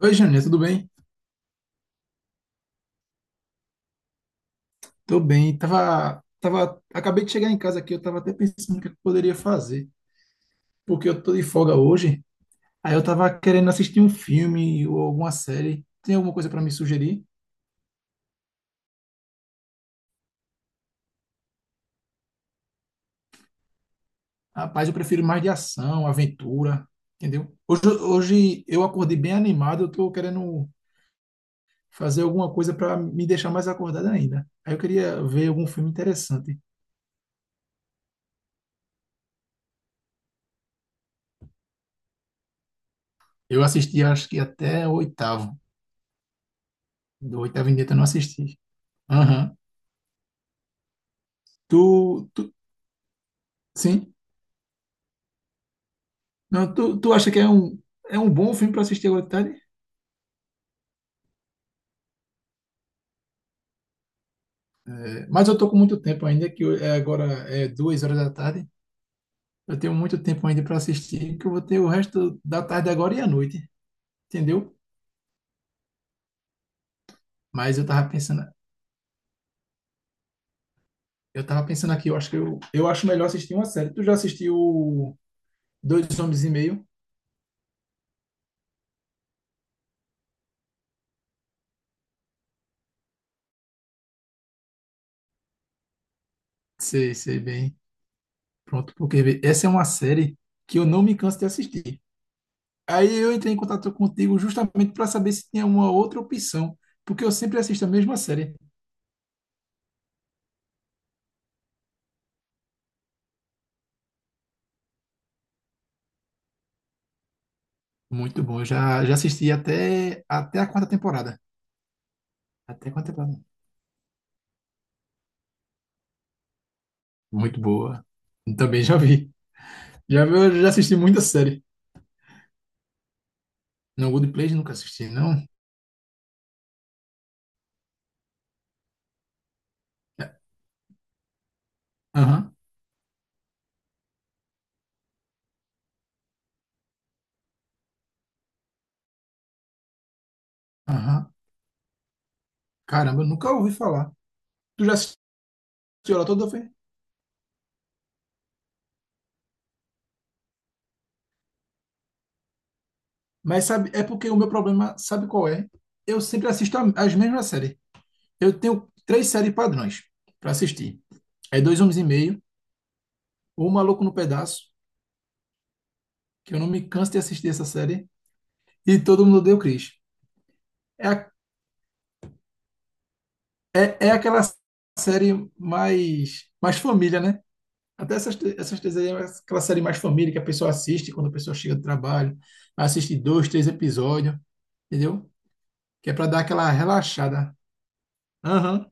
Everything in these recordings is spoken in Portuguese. Oi, Jânia, tudo bem? Tô bem. Tava, acabei de chegar em casa aqui, eu tava até pensando o que eu poderia fazer, porque eu tô de folga hoje, aí eu tava querendo assistir um filme ou alguma série. Tem alguma coisa para me sugerir? Rapaz, eu prefiro mais de ação, aventura, entendeu? Hoje, hoje eu acordei bem animado, eu tô querendo fazer alguma coisa para me deixar mais acordado ainda. Aí eu queria ver algum filme interessante. Eu assisti, acho que até o oitavo. Do oitavo em diante eu não assisti. Aham. Tu, sim? Não, tu acha que é um bom filme para assistir agora de tarde? É, mas eu tô com muito tempo ainda, é agora é 2 horas da tarde. Eu tenho muito tempo ainda para assistir, que eu vou ter o resto da tarde agora e à noite, entendeu? Mas eu tava pensando aqui, eu acho que eu acho melhor assistir uma série. Tu já assistiu Dois Homens e Meio? Sei, sei bem. Pronto, porque vê, essa é uma série que eu não me canso de assistir. Aí eu entrei em contato contigo justamente para saber se tinha uma outra opção, porque eu sempre assisto a mesma série. Muito bom. Eu já assisti até a quarta temporada. Até a quarta temporada. Muito boa. Também já vi. Eu já assisti muita série. Não, Good Place nunca assisti, não. É, Aham, aham. Caramba, eu nunca ouvi falar. Tu já assistiu ela toda, foi? Mas sabe, é porque o meu problema, sabe qual é? Eu sempre as mesmas séries. Eu tenho três séries padrões para assistir. É Dois Homens e Meio, O Maluco no Pedaço, que eu não me canso de assistir essa série, e Todo Mundo Odeia o Chris. É é aquela série mais família, né? Até essas, essas três aí, é aquela série mais família que a pessoa assiste quando a pessoa chega do trabalho, assiste dois, três episódios, entendeu? Que é para dar aquela relaxada. Aham,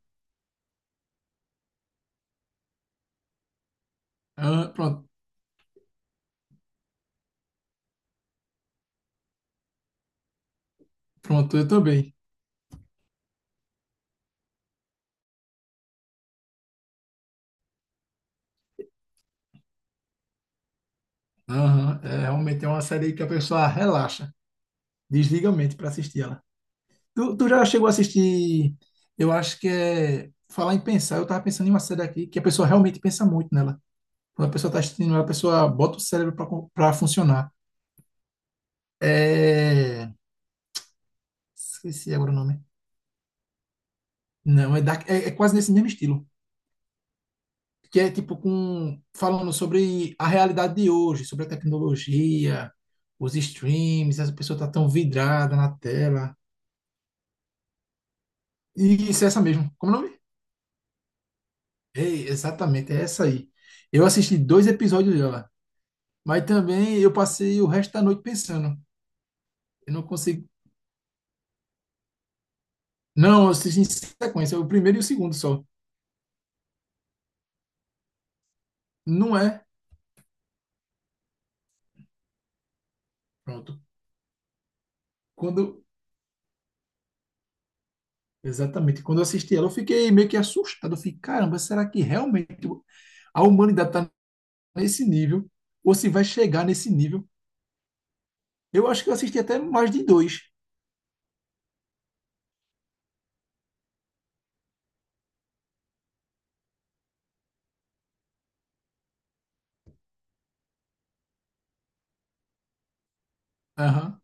aham, pronto, pronto, eu também. Aham, é realmente é uma série que a pessoa relaxa, desliga a mente para assistir ela. Tu já chegou a assistir, eu acho que é, falar em pensar, eu tava pensando em uma série aqui que a pessoa realmente pensa muito nela. Quando a pessoa está assistindo, a pessoa bota o cérebro para funcionar. É... Esqueci agora o nome. Não, dark, é quase nesse mesmo estilo. Que é tipo com... falando sobre a realidade de hoje, sobre a tecnologia, os streams, essa pessoa tá tão vidrada na tela. E isso é essa mesmo. Como é o nome? Ei, exatamente, é essa aí. Eu assisti dois episódios dela, mas também eu passei o resto da noite pensando. Eu não consigo. Não, eu assisti em sequência, o primeiro e o segundo só. Não é. Pronto. Quando exatamente quando eu assisti ela, eu fiquei meio que assustado. Eu fiquei, caramba, será que realmente a humanidade está nesse nível? Ou se vai chegar nesse nível? Eu acho que eu assisti até mais de dois. Aham,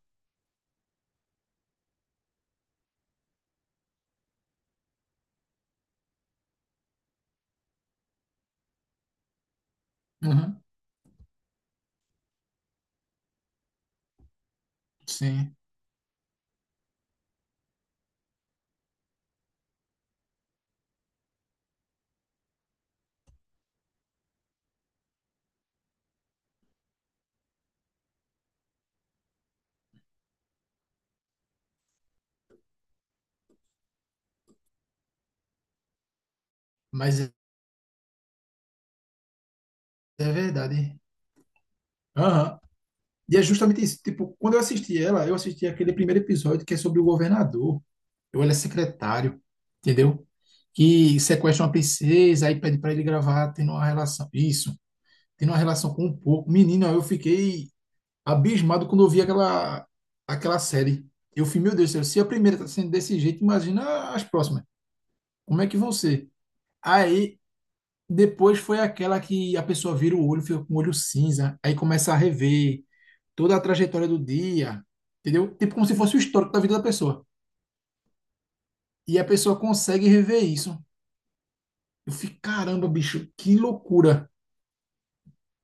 aham, sim. Mas é verdade. Aham. E é justamente isso. Tipo, quando eu assisti ela, eu assisti aquele primeiro episódio que é sobre o governador. Ou ele é secretário, entendeu? Que sequestra uma princesa, aí pede para ele gravar, tendo uma relação. Isso, tendo uma relação com um porco. Menino, eu fiquei abismado quando eu vi aquela série. Eu fui, meu Deus do céu, se a primeira tá sendo desse jeito, imagina as próximas. Como é que vão ser? Aí, depois foi aquela que a pessoa vira o olho, fica com o olho cinza, aí começa a rever toda a trajetória do dia, entendeu? Tipo como se fosse o histórico da vida da pessoa. E a pessoa consegue rever isso. Eu fico, caramba, bicho, que loucura.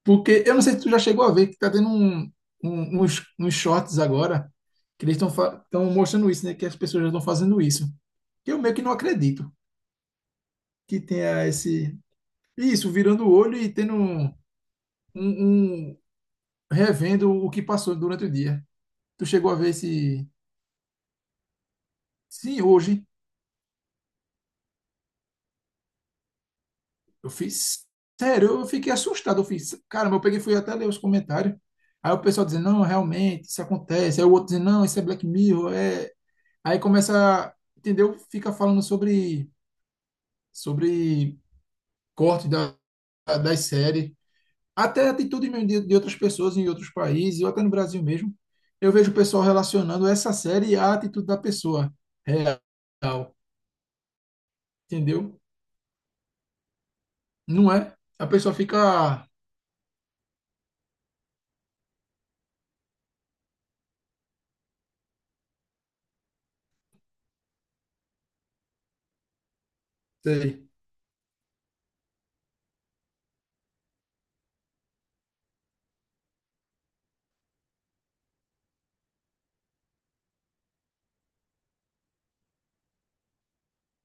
Porque eu não sei se tu já chegou a ver que tá tendo uns shorts agora que eles estão mostrando isso, né? Que as pessoas já estão fazendo isso. que eu meio que não acredito que tenha esse. Isso, virando o olho e tendo um- um- revendo o que passou durante o dia. Tu chegou a ver esse. Sim, hoje. Eu fiz. Sério, eu fiquei assustado. Eu fiz. Caramba, eu peguei e fui até ler os comentários. Aí o pessoal dizendo, não, realmente, isso acontece. Aí o outro dizendo, não, isso é Black Mirror. Aí começa. Entendeu? Fica falando sobre. Sobre corte da, das séries. Até a atitude mesmo de, outras pessoas em outros países, ou até no Brasil mesmo, eu vejo o pessoal relacionando essa série à atitude da pessoa real, entendeu? Não é? A pessoa fica, sei,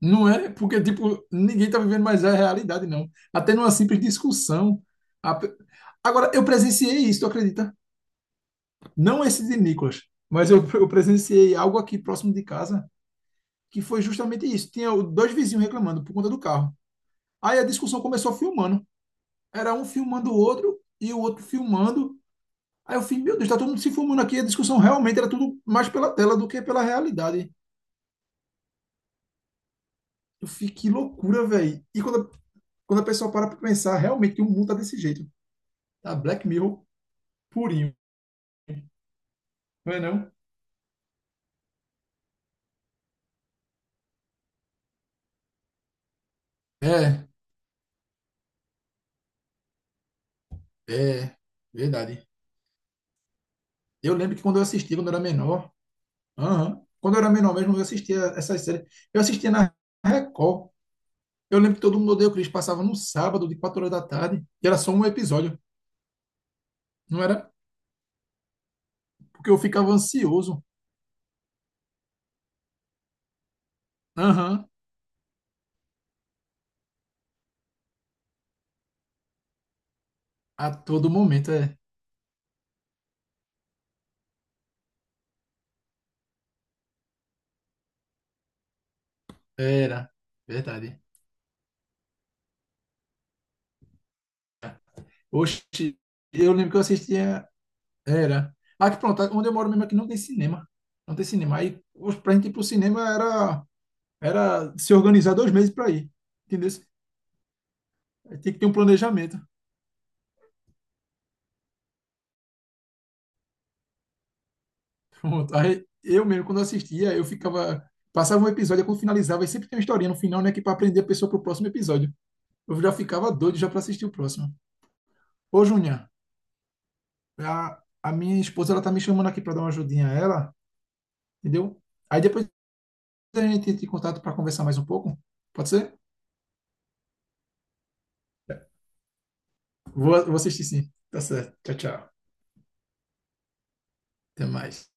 não é? Porque, tipo, ninguém tá vivendo mais a realidade, não. Até numa simples discussão. a pe- Agora, eu presenciei isso, tu acredita? Não esse de Nicolas, mas eu presenciei algo aqui próximo de casa, que foi justamente isso. Tinha dois vizinhos reclamando por conta do carro. Aí a discussão começou filmando. Era um filmando o outro e o outro filmando. Aí eu fiquei, meu Deus, tá todo mundo se filmando aqui. A discussão realmente era tudo mais pela tela do que pela realidade. Eu fiquei, que loucura, velho. E quando, quando a pessoa para pra pensar, realmente que o mundo tá desse jeito. Tá Black Mirror purinho, não é não? É, é, verdade. Eu lembro que quando eu assistia, quando eu era menor, aham, quando eu era menor mesmo, eu assistia essas séries. Eu assistia na Record. Eu lembro que todo mundo odeia o Chris, passava no sábado, de 4 horas da tarde, e era só um episódio, não era? Porque eu ficava ansioso. Aham. A todo momento, é. Era. Verdade. Oxi, eu lembro que eu assistia. Era. Aqui, pronto, onde eu moro mesmo aqui não tem cinema. Não tem cinema. Aí, oxe, pra gente ir pro cinema era, se organizar 2 meses pra ir. Entendeu? Aí tem que ter um planejamento. Pronto. Aí, eu mesmo, quando assistia, eu ficava. Passava um episódio, aí quando finalizava, e sempre tem uma historinha no final, né? Que pra aprender a pessoa pro próximo episódio. Eu já ficava doido já pra assistir o próximo. Ô, Júnior. A minha esposa ela tá me chamando aqui para dar uma ajudinha a ela, entendeu? Aí depois a gente entra em contato para conversar mais um pouco. Pode ser? Vou assistir sim. Tá certo. Tchau, tchau. Até mais.